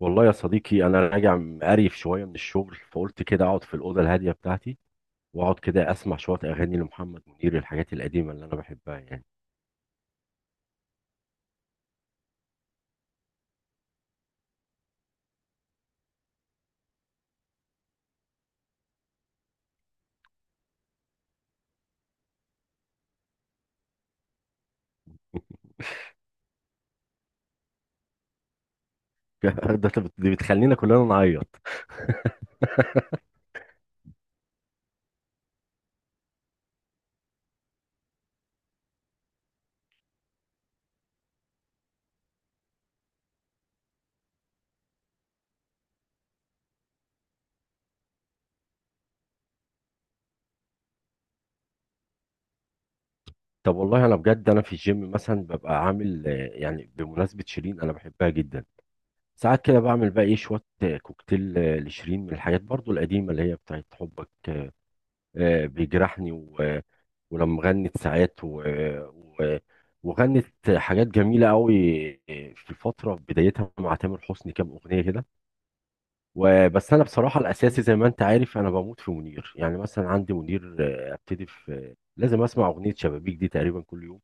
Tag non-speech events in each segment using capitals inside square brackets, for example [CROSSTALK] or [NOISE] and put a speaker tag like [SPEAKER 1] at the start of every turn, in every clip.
[SPEAKER 1] والله يا صديقي، انا راجع مقريف شويه من الشغل، فقلت كده اقعد في الاوضه الهاديه بتاعتي واقعد كده اسمع شويه اغاني لمحمد منير، الحاجات القديمه اللي انا بحبها يعني. [LAUGHS] دي بتخلينا كلنا نعيط. [LAUGHS] طب والله انا بجد، انا في الجيم مثلا ببقى عامل، يعني بمناسبه شيرين انا بحبها جدا. ساعات كده بعمل بقى ايه شويه كوكتيل لشيرين، من الحاجات برضو القديمه اللي هي بتاعت حبك. بيجرحني، ولما غنت ساعات و... وغنت حاجات جميلة قوي في الفترة، في بدايتها مع تامر حسني كام أغنية كده. وبس أنا بصراحة الأساسي زي ما أنت عارف أنا بموت في منير، يعني مثلا عندي منير، أبتدي لازم أسمع أغنية شبابيك دي تقريبا كل يوم.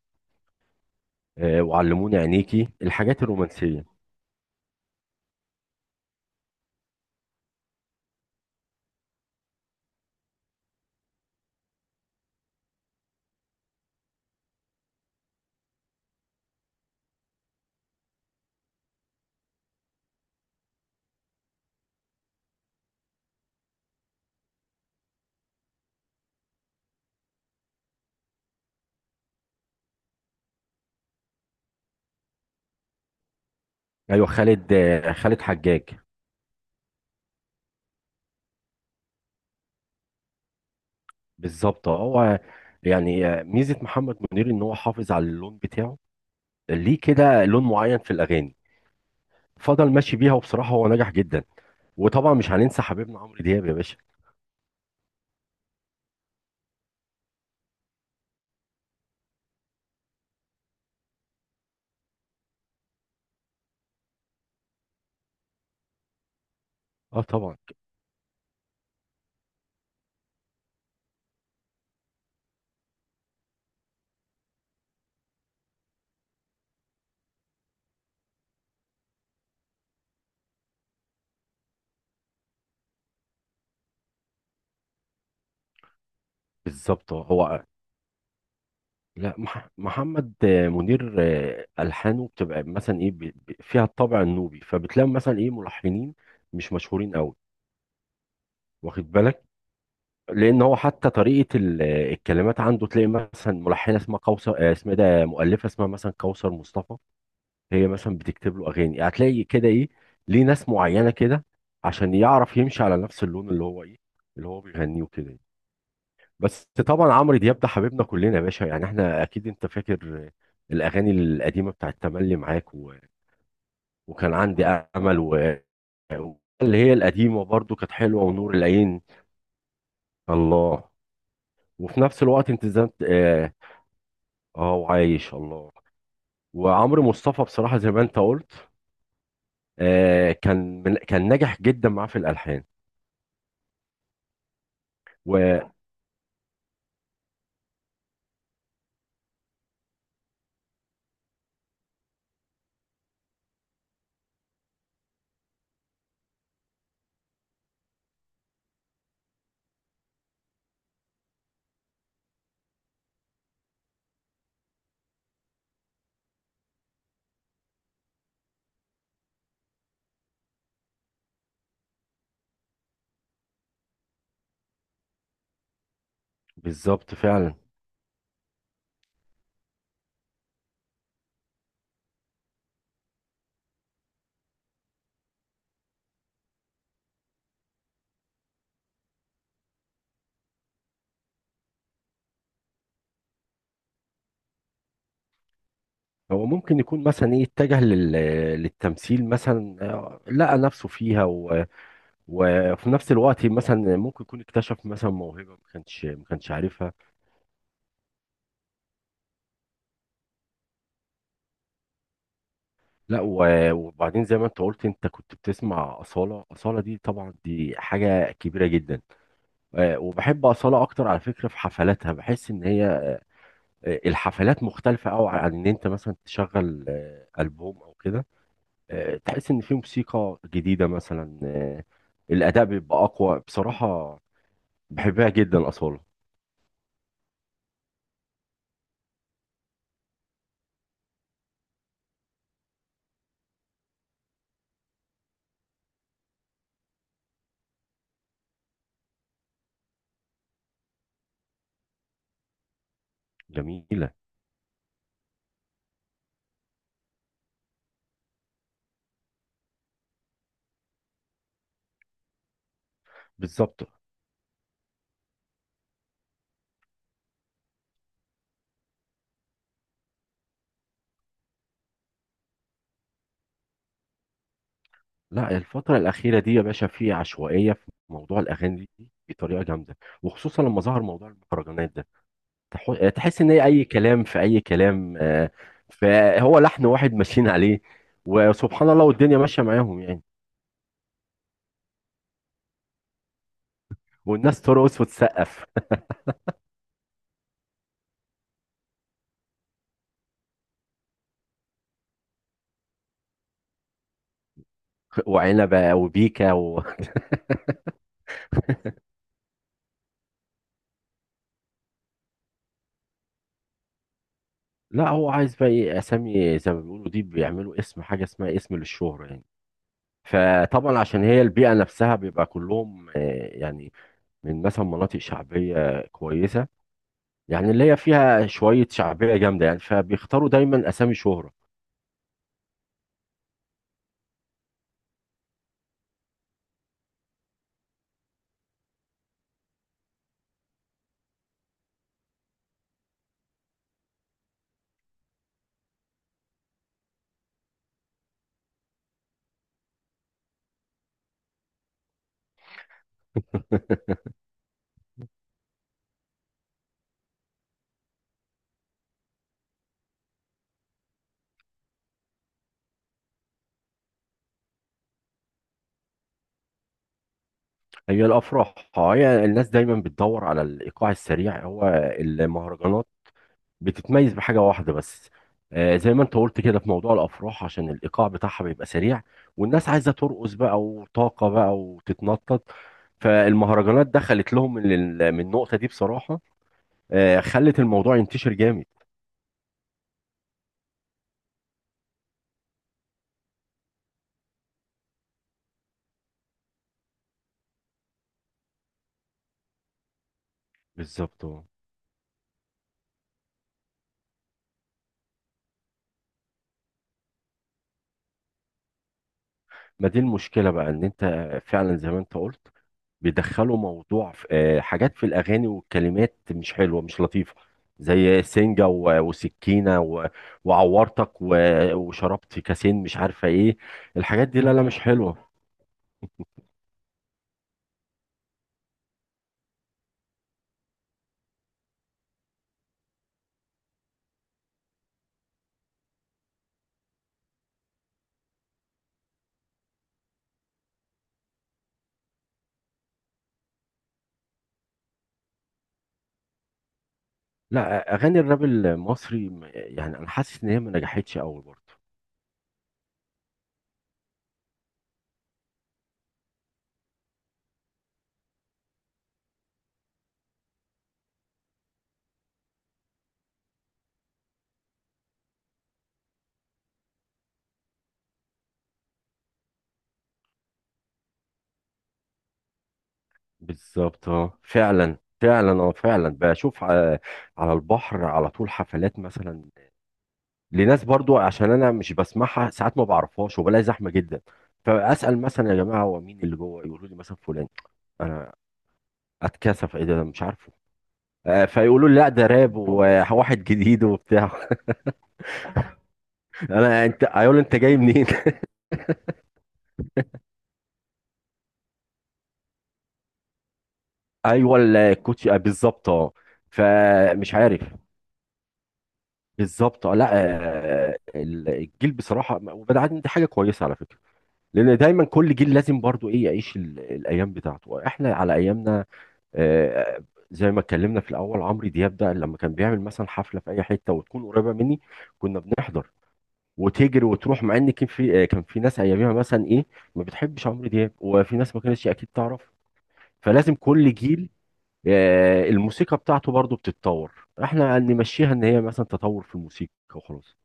[SPEAKER 1] وعلموني عينيكي، الحاجات الرومانسية. أيوة، خالد حجاج. بالظبط هو. يعني ميزة محمد منير إن هو حافظ على اللون بتاعه، ليه كده لون معين في الأغاني، فضل ماشي بيها، وبصراحه هو نجح جدا. وطبعا مش هننسى حبيبنا عمرو دياب يا باشا. اه طبعا. بالظبط هو. لا، محمد منير، الحانه بتبقى مثلا ايه فيها الطابع النوبي، فبتلاقي مثلا ايه ملحنين مش مشهورين قوي، واخد بالك، لان هو حتى طريقه ال... آه، الكلمات عنده، تلاقي مثلا ملحنه اسمها قوثر، اسمها إيه ده، مؤلفه اسمها مثلا كوثر مصطفى، هي مثلا بتكتب له اغاني. هتلاقي كده ايه، ليه ناس معينه كده، عشان يعرف يمشي على نفس اللون اللي هو ايه، اللي هو بيغنيه وكده يعني. بس طبعا عمرو دياب ده حبيبنا كلنا يا باشا. يعني احنا اكيد انت فاكر الاغاني القديمه بتاعت تملي معاك، وكان عندي امل، اللي هي القديمه برضو كانت حلوه، ونور العين، الله. وفي نفس الوقت انت زي ما اه، وعايش، الله. وعمرو مصطفى بصراحه زي ما انت قلت، كان ناجح جدا معاه في الالحان. بالظبط فعلا. هو ممكن يكون مثلا ايه اتجه للتمثيل مثلا، لقى نفسه فيها، وفي نفس الوقت مثلا ممكن يكون اكتشف مثلا موهبة ما كانش عارفها. لا و... وبعدين زي ما انت قلت، انت كنت بتسمع أصالة. أصالة دي طبعا دي حاجة كبيرة جدا. وبحب أصالة أكتر على فكرة، في حفلاتها بحس إن هي الحفلات مختلفة أوي عن إن أنت مثلا تشغل ألبوم أو كده. تحس ان في موسيقى جديده مثلا، الاداء بيبقى اقوى بصراحه. بحبها جدا اصاله، جميله. بالظبط. لا، الفتره الاخيره دي يا باشا في عشوائيه في موضوع الاغاني دي بطريقه جامده، وخصوصا لما ظهر موضوع المهرجانات ده. تحس ان هي اي كلام في اي كلام، فهو لحن واحد ماشيين عليه، وسبحان الله، والدنيا ماشيه معاهم يعني. والناس ترقص وتسقف. [LAUGHS] وعنبه وبيكا. لا هو عايز بقى ايه اسامي زي ما بيقولوا، دي بيعملوا اسم حاجه اسمها اسم للشهره يعني. فطبعا عشان هي البيئه نفسها، بيبقى كلهم يعني من مثلا مناطق شعبيه كويسه، يعني اللي هي فيها شويه شعبيه جامده يعني، فبيختاروا دايما اسامي شهره. [LAUGHS] هي الافراح آه، هي الناس دايما بتدور على الايقاع السريع. هو المهرجانات بتتميز بحاجة واحدة بس، زي ما انت قلت كده، في موضوع الافراح عشان الايقاع بتاعها بيبقى سريع، والناس عايزة ترقص بقى وطاقة بقى وتتنطط. فالمهرجانات دخلت لهم من من النقطة دي بصراحة، خلت الموضوع ينتشر جامد. بالظبط، ما دي المشكلة بقى، ان انت فعلا زي ما انت قلت بيدخلوا موضوع في حاجات في الاغاني، والكلمات مش حلوة مش لطيفة، زي سنجة وسكينة وعورتك وشربت كاسين مش عارفة ايه. الحاجات دي لا لا مش حلوة. لا، اغاني الراب المصري يعني انا حاسس ان هي ما نجحتش قوي برضه. بالظبط، اه فعلا فعلا، اه فعلا بشوف، على البحر على طول حفلات مثلا لناس، برضو عشان انا مش بسمعها ساعات ما بعرفهاش، وبلاقي زحمه جدا، فاسال مثلا يا جماعه هو مين اللي جوه، يقولوا لي مثلا فلان. انا اتكسف، ايه ده، أنا مش عارفه. فيقولوا لي لا ده راب، وواحد جديد وبتاع. [LAUGHS] انت هيقول انت جاي منين. [LAUGHS] ايوه الكوتش، بالظبط اه. فمش عارف. بالظبط لا. الجيل بصراحه، وبعدين عادي، دي حاجه كويسه على فكره، لان دايما كل جيل لازم برضو ايه يعيش الايام بتاعته. احنا على ايامنا، آه، زي ما اتكلمنا في الاول، عمرو دياب ده لما كان بيعمل مثلا حفله في اي حته وتكون قريبه مني كنا بنحضر، وتجري وتروح. مع ان كان في كان في ناس اياميها مثلا ايه ما بتحبش عمرو دياب، وفي ناس ما كانتش اكيد تعرف. فلازم كل جيل الموسيقى بتاعته برضو بتتطور، احنا نمشيها ان هي مثلا تطور في الموسيقى وخلاص.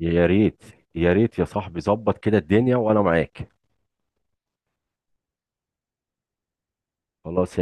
[SPEAKER 1] يا ريت، يا ريت يا صاحبي، ظبط كده الدنيا وانا معاك. خلاص.